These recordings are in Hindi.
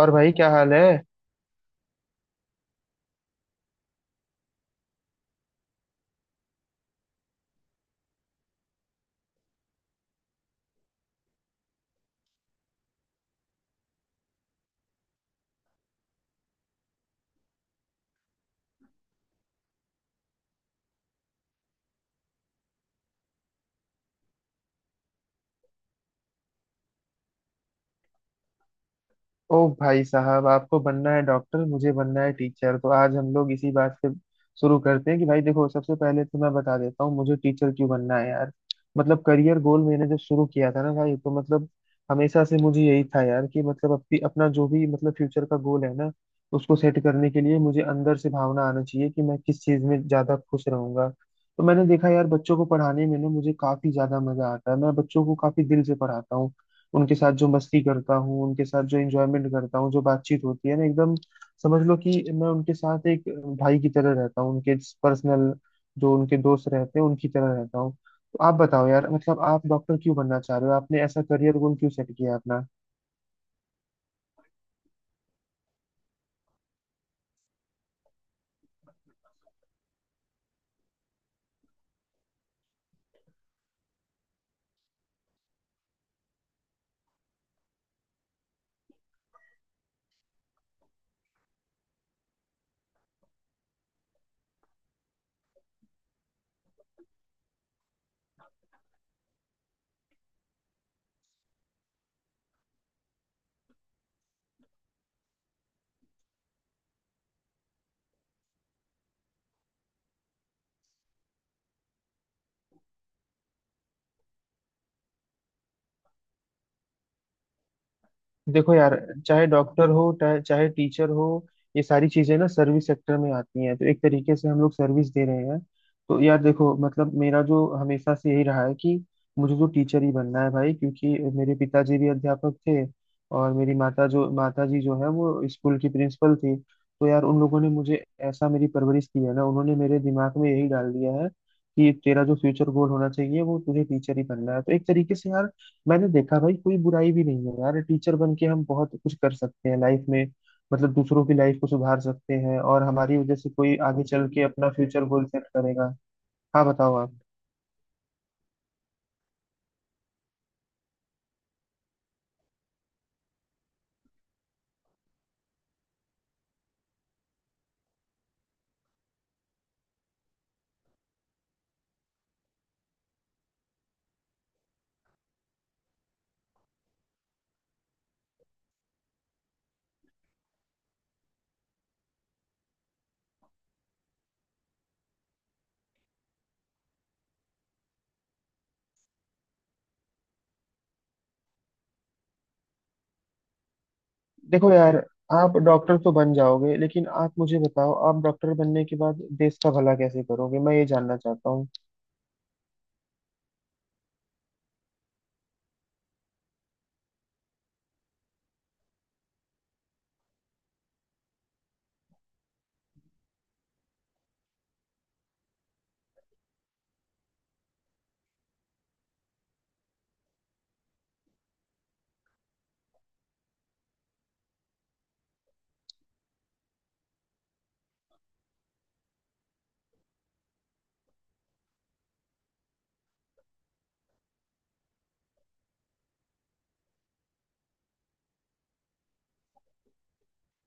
और भाई क्या हाल है। ओ भाई साहब, आपको बनना है डॉक्टर, मुझे बनना है टीचर। तो आज हम लोग इसी बात से शुरू करते हैं कि भाई देखो, सबसे पहले तो मैं बता देता हूँ मुझे टीचर क्यों बनना है यार। मतलब करियर गोल मैंने जब शुरू किया था ना भाई, तो मतलब हमेशा से मुझे यही था यार कि मतलब अपनी अपना जो भी मतलब फ्यूचर का गोल है ना, उसको सेट करने के लिए मुझे अंदर से भावना आना चाहिए कि मैं किस चीज़ में ज़्यादा खुश रहूंगा। तो मैंने देखा यार, बच्चों को पढ़ाने में ना मुझे काफ़ी ज़्यादा मज़ा आता है। मैं बच्चों को काफ़ी दिल से पढ़ाता हूँ, उनके साथ जो मस्ती करता हूँ, उनके साथ जो एंजॉयमेंट करता हूँ, जो बातचीत होती है ना एकदम, समझ लो कि मैं उनके साथ एक भाई की तरह रहता हूँ, उनके पर्सनल जो उनके दोस्त रहते हैं उनकी तरह रहता हूँ। तो आप बताओ यार, मतलब आप डॉक्टर क्यों बनना चाह रहे हो, आपने ऐसा करियर गोल क्यों सेट किया अपना। देखो यार, चाहे डॉक्टर हो चाहे टीचर हो, ये सारी चीजें ना सर्विस सेक्टर में आती हैं, तो एक तरीके से हम लोग सर्विस दे रहे हैं। तो यार देखो, मतलब मेरा जो हमेशा से यही रहा है कि मुझे तो टीचर ही बनना है भाई, क्योंकि मेरे पिताजी भी अध्यापक थे और मेरी माता जी जो है वो स्कूल की प्रिंसिपल थी। तो यार उन लोगों ने मुझे ऐसा, मेरी परवरिश की है ना, उन्होंने मेरे दिमाग में यही डाल दिया है कि तेरा जो फ्यूचर गोल होना चाहिए वो तुझे टीचर ही बनना है। तो एक तरीके से यार मैंने देखा भाई, कोई बुराई भी नहीं है यार, टीचर बन के हम बहुत कुछ कर सकते हैं लाइफ में। मतलब दूसरों की लाइफ को सुधार सकते हैं, और हमारी वजह से कोई आगे चल के अपना फ्यूचर गोल सेट करेगा। हाँ बताओ आप। देखो यार, आप डॉक्टर तो बन जाओगे, लेकिन आप मुझे बताओ, आप डॉक्टर बनने के बाद देश का भला कैसे करोगे, मैं ये जानना चाहता हूँ।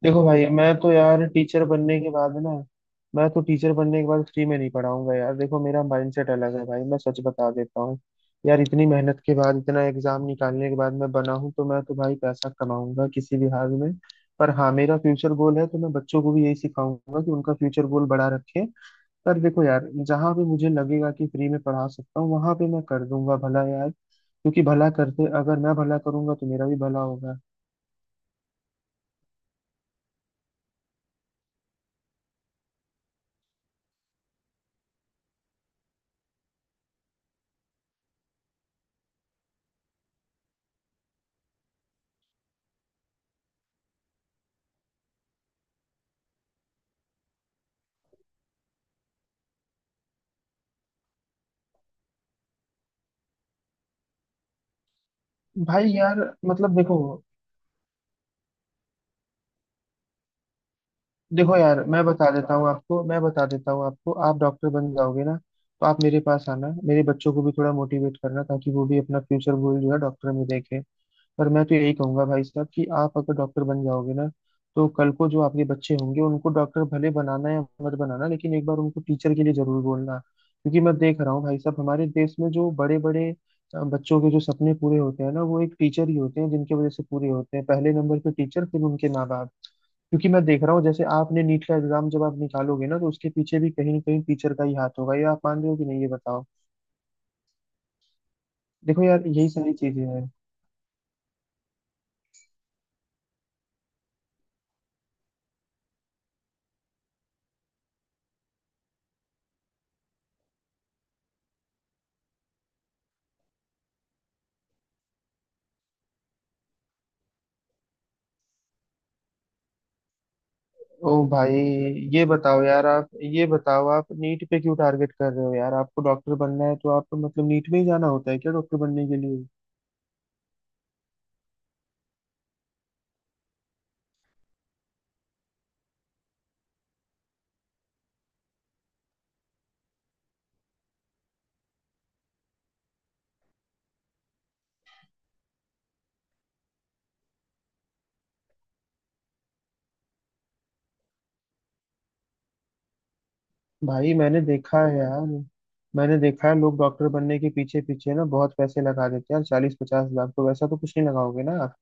देखो भाई, मैं तो यार टीचर बनने के बाद ना, मैं तो टीचर बनने के बाद फ्री में नहीं पढ़ाऊंगा यार। देखो, मेरा माइंडसेट अलग है भाई, मैं सच बता देता हूँ यार। इतनी मेहनत के बाद, इतना एग्जाम निकालने के बाद मैं बना हूँ, तो मैं तो भाई पैसा कमाऊंगा किसी भी हाल में। पर हाँ, मेरा फ्यूचर गोल है, तो मैं बच्चों को भी यही सिखाऊंगा कि उनका फ्यूचर गोल बड़ा रखें। पर देखो यार, जहाँ पे मुझे लगेगा कि फ्री में पढ़ा सकता हूँ, वहां पे मैं कर दूंगा भला यार, क्योंकि भला करते, अगर मैं भला करूंगा तो मेरा भी भला होगा। भाई यार, मतलब देखो, देखो यार मैं बता देता हूँ आपको, मैं बता देता हूँ आपको, आप डॉक्टर बन जाओगे ना, तो आप मेरे पास आना, मेरे बच्चों को भी थोड़ा मोटिवेट करना, ताकि वो भी अपना फ्यूचर गोल जो है डॉक्टर में देखें। और मैं तो यही कहूंगा भाई साहब कि आप अगर डॉक्टर बन जाओगे ना, तो कल को जो आपके बच्चे होंगे, उनको डॉक्टर भले बनाना या मत बनाना, लेकिन एक बार उनको टीचर के लिए जरूर बोलना। क्योंकि मैं देख रहा हूँ भाई साहब, हमारे देश में जो बड़े बड़े बच्चों के जो सपने पूरे होते हैं ना, वो एक टीचर ही होते हैं जिनकी वजह से पूरे होते हैं। पहले नंबर पे टीचर, फिर उनके माँ बाप। क्योंकि मैं देख रहा हूँ, जैसे आपने नीट का एग्जाम जब आप निकालोगे ना, तो उसके पीछे भी कहीं ना कहीं टीचर का ही हाथ होगा। ये आप मान रहे हो कि नहीं, ये बताओ। देखो यार, यही सारी चीजें हैं। ओ भाई, ये बताओ यार, आप ये बताओ, आप नीट पे क्यों टारगेट कर रहे हो यार। आपको डॉक्टर बनना है, तो आपको मतलब नीट में ही जाना होता है क्या डॉक्टर बनने के लिए? भाई मैंने देखा है यार, मैंने देखा है, लोग डॉक्टर बनने के पीछे पीछे ना बहुत पैसे लगा देते हैं यार, 40-50 लाख। तो वैसा तो कुछ नहीं लगाओगे ना आप?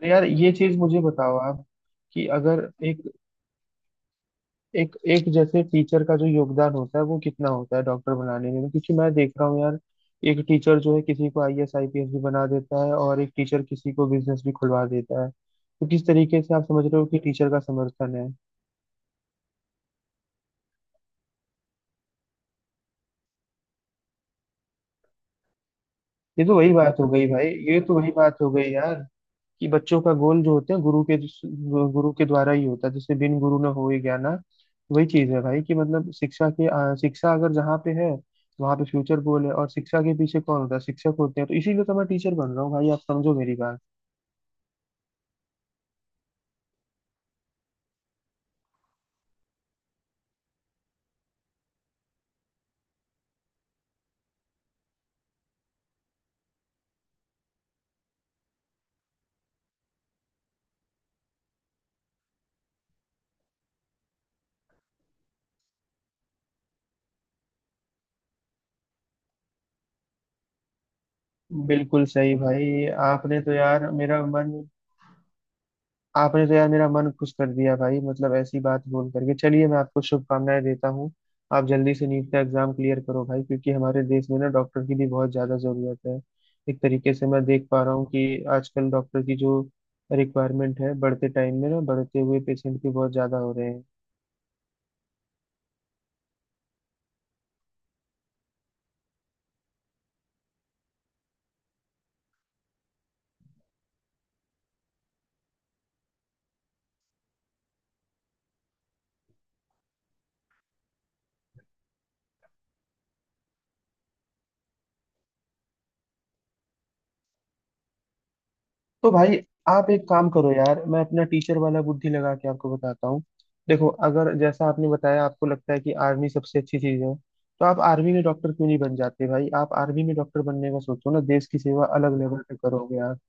पर यार ये चीज मुझे बताओ आप, कि अगर एक, एक जैसे टीचर का जो योगदान होता है, वो कितना होता है डॉक्टर बनाने में। क्योंकि मैं देख रहा हूँ यार, एक टीचर जो है किसी को आईएएस आईपीएस भी बना देता है, और एक टीचर किसी को बिजनेस भी खुलवा देता है। तो किस तरीके से आप समझ रहे हो कि टीचर का समर्थन है? ये तो वही बात हो गई भाई, ये तो वही बात हो गई यार, कि बच्चों का गोल जो होते हैं गुरु के द्वारा ही होता है। जैसे बिन गुरु न होए ज्ञान, वही चीज है भाई कि मतलब शिक्षा अगर जहाँ पे है, वहां पे फ्यूचर गोल है। और शिक्षा के पीछे कौन होता है, शिक्षक होते हैं। तो इसीलिए तो मैं टीचर बन रहा हूँ भाई, आप समझो मेरी बात। बिल्कुल सही भाई, आपने तो यार मेरा मन खुश कर दिया भाई, मतलब ऐसी बात बोल करके। चलिए, मैं आपको शुभकामनाएं देता हूँ, आप जल्दी से नीट का एग्जाम क्लियर करो भाई। क्योंकि हमारे देश में ना डॉक्टर की भी बहुत ज्यादा जरूरत है। एक तरीके से मैं देख पा रहा हूँ कि आजकल डॉक्टर की जो रिक्वायरमेंट है, बढ़ते टाइम में ना बढ़ते हुए पेशेंट भी बहुत ज्यादा हो रहे हैं। तो भाई, आप एक काम करो यार, मैं अपना टीचर वाला बुद्धि लगा के आपको बताता हूँ। देखो, अगर जैसा आपने बताया आपको लगता है कि आर्मी सबसे अच्छी चीज है, तो आप आर्मी में डॉक्टर क्यों नहीं बन जाते भाई? आप आर्मी में डॉक्टर बनने का सोचो ना, देश की सेवा अलग लेवल पे करोगे आप।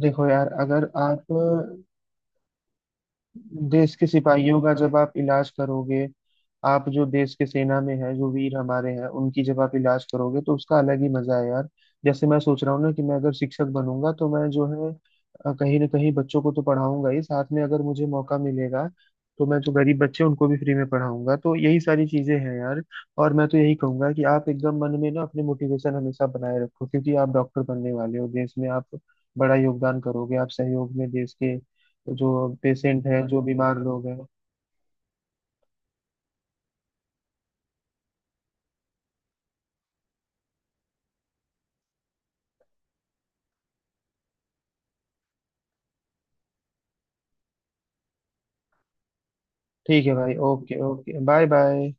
देखो यार, अगर आप देश के सिपाहियों का जब आप इलाज करोगे, आप जो देश के सेना में है, जो वीर हमारे हैं, उनकी जब आप इलाज करोगे, तो उसका अलग ही मजा है यार। जैसे मैं सोच रहा हूँ ना, कि मैं अगर शिक्षक बनूंगा, तो मैं जो है कहीं ना कहीं बच्चों को तो पढ़ाऊंगा ही। साथ में अगर मुझे मौका मिलेगा, तो मैं जो गरीब बच्चे हैं, उनको भी फ्री में पढ़ाऊंगा। तो यही सारी चीजें हैं यार। और मैं तो यही कहूंगा कि आप एकदम मन में ना अपने मोटिवेशन हमेशा बनाए रखो, क्योंकि आप डॉक्टर बनने वाले हो। देश में आप बड़ा योगदान करोगे, आप सहयोग में, देश के जो पेशेंट है, जो बीमार लोग हैं। ठीक है भाई, ओके ओके, बाय बाय।